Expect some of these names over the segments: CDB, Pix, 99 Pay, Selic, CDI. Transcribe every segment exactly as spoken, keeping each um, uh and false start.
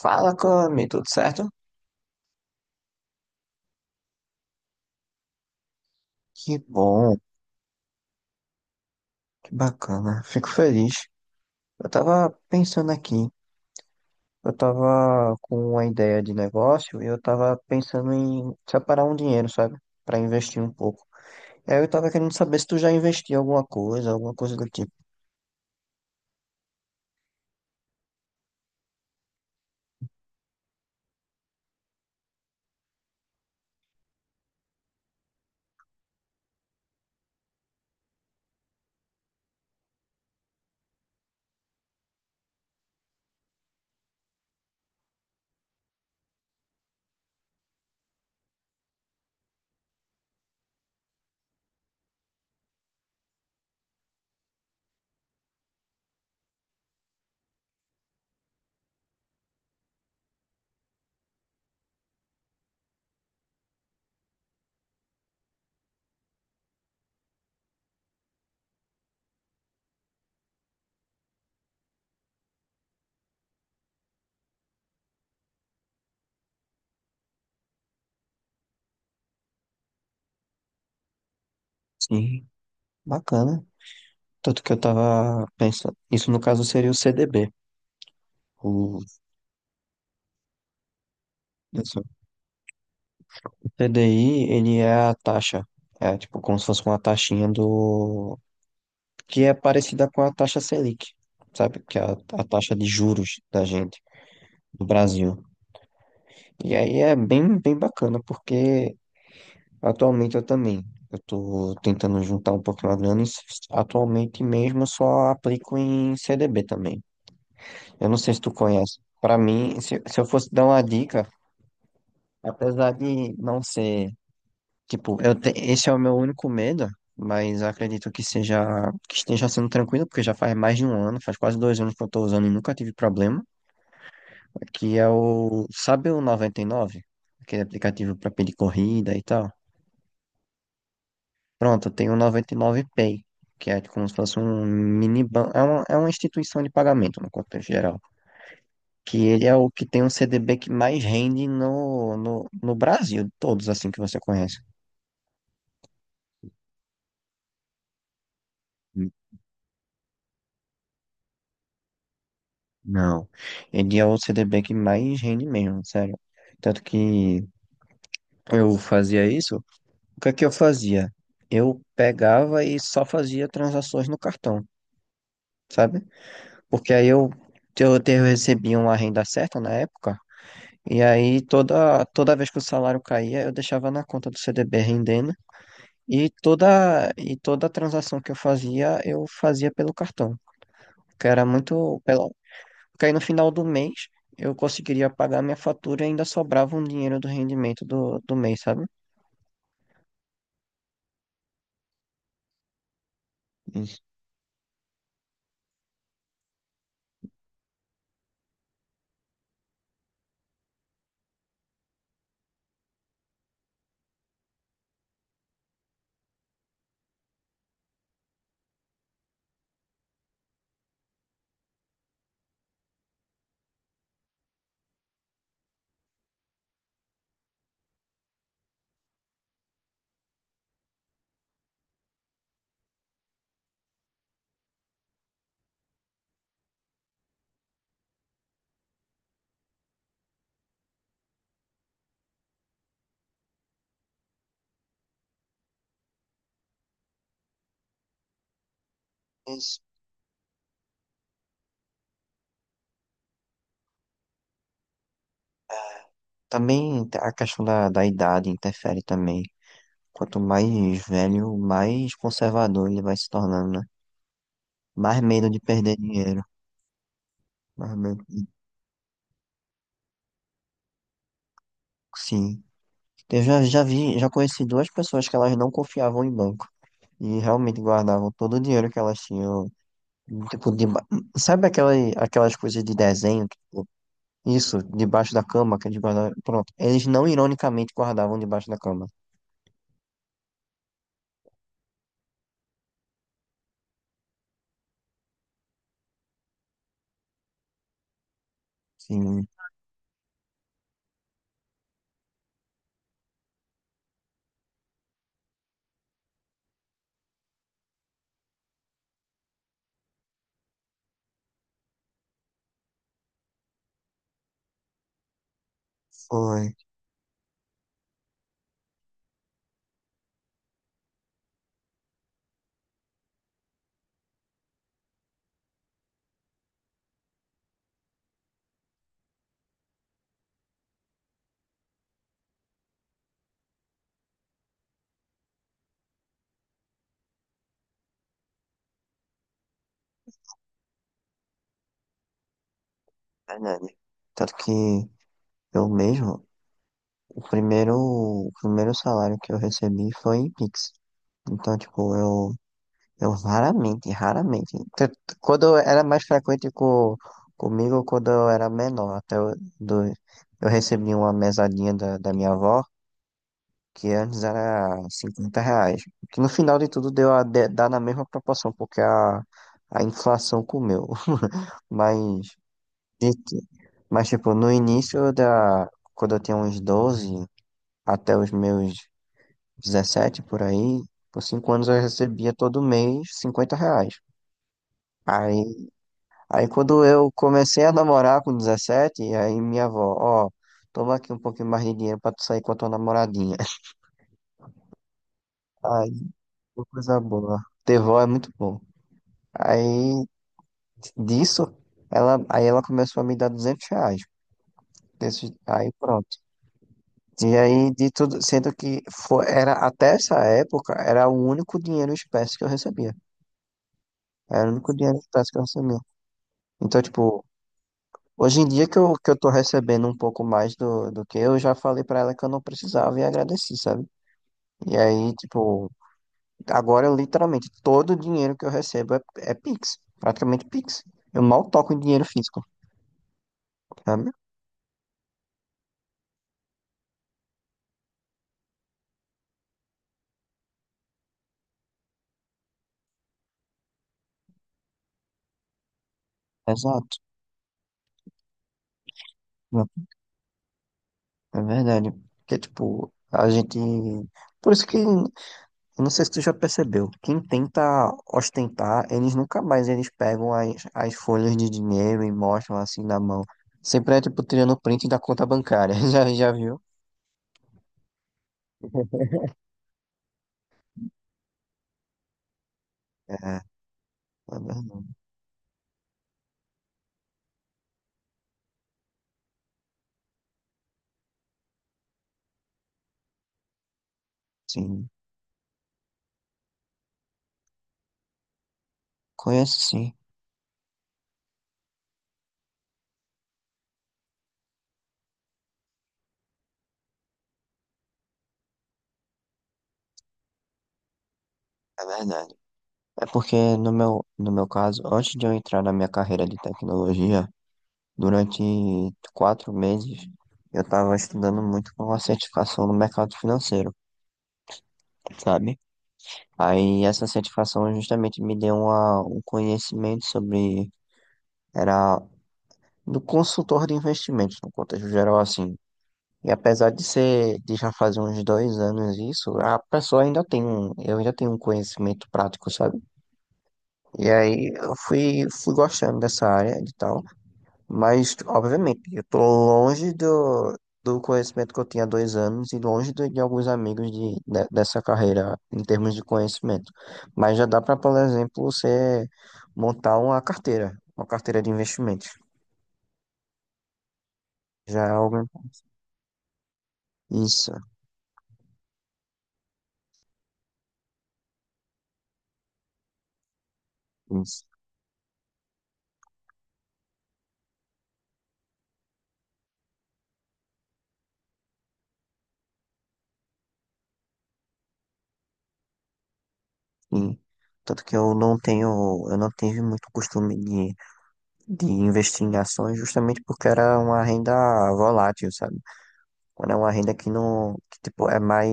Fala, Cami, tudo certo? Que bom, que bacana, fico feliz. Eu tava pensando aqui, eu tava com uma ideia de negócio e eu tava pensando em separar um dinheiro, sabe? Pra investir um pouco. E aí eu tava querendo saber se tu já investiu em alguma coisa, alguma coisa do tipo. Sim, bacana. Tanto que eu tava pensando, isso no caso seria o C D B. O, isso. O C D I, ele é a taxa, é tipo como se fosse uma taxinha do, que é parecida com a taxa Selic, sabe? Que é a, a taxa de juros da gente, do Brasil. E aí é bem, bem bacana, porque atualmente eu também, eu tô tentando juntar um pouquinho a grana e s- atualmente mesmo eu só aplico em C D B também. Eu não sei se tu conhece. Para mim, se, se eu fosse dar uma dica, apesar de não ser, tipo, eu te- esse é o meu único medo, mas acredito que seja, que esteja sendo tranquilo, porque já faz mais de um ano, faz quase dois anos que eu tô usando e nunca tive problema. Que é o, sabe o noventa e nove? Aquele aplicativo para pedir corrida e tal. Pronto, tem o noventa e nove Pay, que é como se fosse um mini banco, é uma, é uma instituição de pagamento no contexto geral, que ele é o que tem um C D B que mais rende no, no, no Brasil, de todos assim que você conhece. N- Não, ele é o C D B que mais rende mesmo, sério. Tanto que eu fazia isso, o que é que eu fazia? Eu pegava e só fazia transações no cartão, sabe? Porque aí eu, eu, te- eu recebi uma renda certa na época, e aí toda, toda vez que o salário caía, eu deixava na conta do C D B rendendo, e toda, e toda transação que eu fazia, eu fazia pelo cartão, que era muito, pelo, porque aí no final do mês eu conseguiria pagar minha fatura e ainda sobrava um dinheiro do rendimento do, do mês, sabe? Isso. Isso. Também a questão da, da idade interfere também. Quanto mais velho, mais conservador ele vai se tornando, né? Mais medo de perder dinheiro. Mais medo, de- Sim. Eu já, já vi, já conheci duas pessoas que elas não confiavam em banco e realmente guardavam todo o dinheiro que elas tinham. Tipo, deba... sabe aquela, aquelas coisas de desenho? Tipo, isso, debaixo da cama que eles guardavam. Pronto. Eles não ironicamente guardavam debaixo da cama. Sim, foi. Verdade. Tanto que eu mesmo, o primeiro, o primeiro salário que eu recebi foi em Pix. Então, tipo, eu Eu raramente, raramente. T- t- Quando era mais frequente co, comigo, quando eu era menor, até eu, do, eu recebi uma mesadinha da, da minha avó, que antes era cinquenta reais. Que no final de tudo deu a de- dar na mesma proporção, porque a, a inflação comeu. Mas, de- mas, tipo, no início da, quando eu tinha uns doze até os meus dezessete por aí, por cinco anos eu recebia todo mês cinquenta reais. Aí Aí quando eu comecei a namorar com dezessete, aí minha avó, ó, toma aqui um pouquinho mais de dinheiro pra tu sair com a tua namoradinha. Aí, uma coisa boa. Ter vó é muito bom. Aí, disso, ela, aí ela começou a me dar duzentos reais. Desse- aí pronto. E aí, de tudo, sendo que foi, era, até essa época, era o único dinheiro em espécie que eu recebia. Era o único dinheiro em espécie que eu recebia. Então, tipo, Hoje em dia que eu, que eu tô recebendo um pouco mais do, do que eu, já falei pra ela que eu não precisava e agradeci, sabe? E aí, tipo, agora eu literalmente, todo o dinheiro que eu recebo é, é Pix, praticamente Pix. Eu mal toco em dinheiro físico, sabe? Exato, é verdade. Porque, tipo, a gente. Por isso que, eu não sei se tu já percebeu, quem tenta ostentar, eles nunca mais eles pegam as, as folhas de dinheiro e mostram assim na mão. Sempre é tipo tirando print da conta bancária. Já, já viu? É, é verdade. Sim. Conheço sim, é verdade. É porque no meu, no meu caso, antes de eu entrar na minha carreira de tecnologia, durante quatro meses, eu estava estudando muito com a certificação no mercado financeiro, sabe? Aí essa certificação justamente me deu uma, um conhecimento sobre, era do consultor de investimentos, no contexto geral, assim. E apesar de ser, de já fazer uns dois anos isso, a pessoa ainda tem um, eu ainda tenho um conhecimento prático, sabe? E aí eu fui, fui gostando dessa área e tal, mas obviamente eu tô longe do, do conhecimento que eu tinha há dois anos e longe do- de alguns amigos de, de- dessa carreira em termos de conhecimento. Mas já dá para, por exemplo, você montar uma carteira, uma carteira de investimentos. Já é algo. Isso, isso. Sim. Tanto que eu não tenho, eu não tive muito costume de, de investir em ações justamente porque era uma renda volátil, sabe? Quando é uma renda que não, que, tipo, é mais.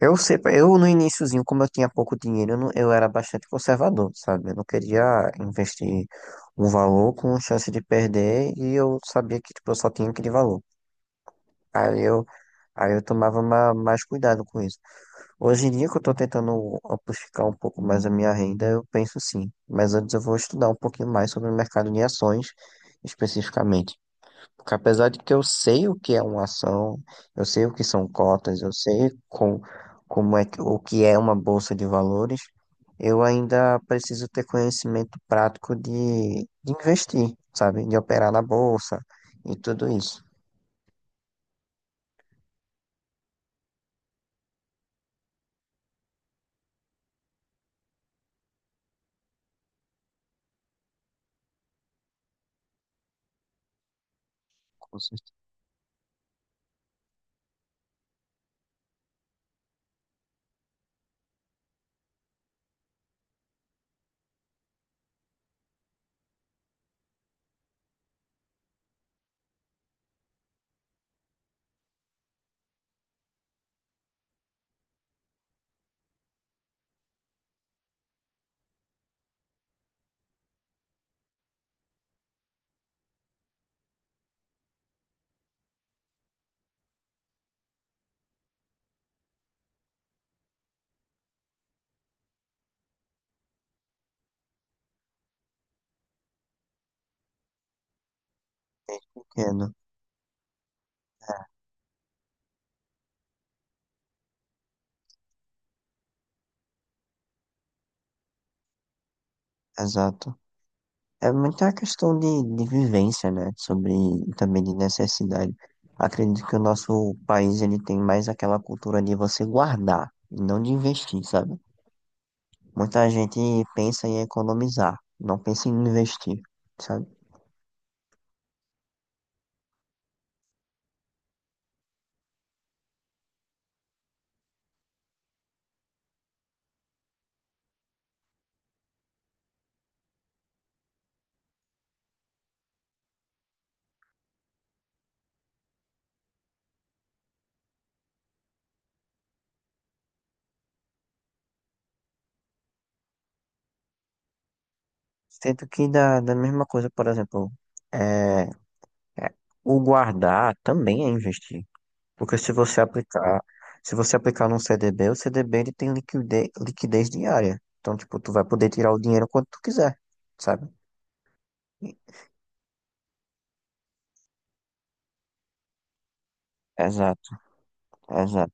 Eu sei, eu no iniciozinho, como eu tinha pouco dinheiro, eu, não- eu era bastante conservador, sabe? Eu não queria investir um valor com chance de perder e eu sabia que, tipo, eu só tinha aquele valor. Aí eu, aí eu tomava ma- mais cuidado com isso. Hoje em dia que eu tô tentando amplificar um pouco mais a minha renda, eu penso sim. Mas antes eu vou estudar um pouquinho mais sobre o mercado de ações, especificamente. Porque apesar de que eu sei o que é uma ação, eu sei o que são cotas, eu sei com, como é que, o que é uma bolsa de valores, eu ainda preciso ter conhecimento prático de, de investir, sabe? De operar na bolsa e tudo isso. Com certeza. Exato. É muita questão de, de vivência, né? Sobre e também de necessidade. Acredito que o nosso país ele tem mais aquela cultura de você guardar, e não de investir, sabe? Muita gente pensa em economizar, não pensa em investir, sabe? Sendo que da, da mesma coisa, por exemplo, é, é, o guardar também é investir. Porque se você aplicar, se você aplicar num C D B, o C D B ele tem liquidez, liquidez diária. Então, tipo, tu vai poder tirar o dinheiro quando tu quiser, sabe? Exato, exato,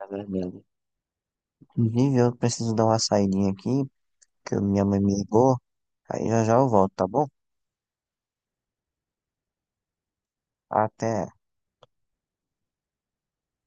é verdade. Inclusive, eu preciso dar uma saidinha aqui, porque minha mãe me ligou. Aí já já eu volto, tá bom? Até.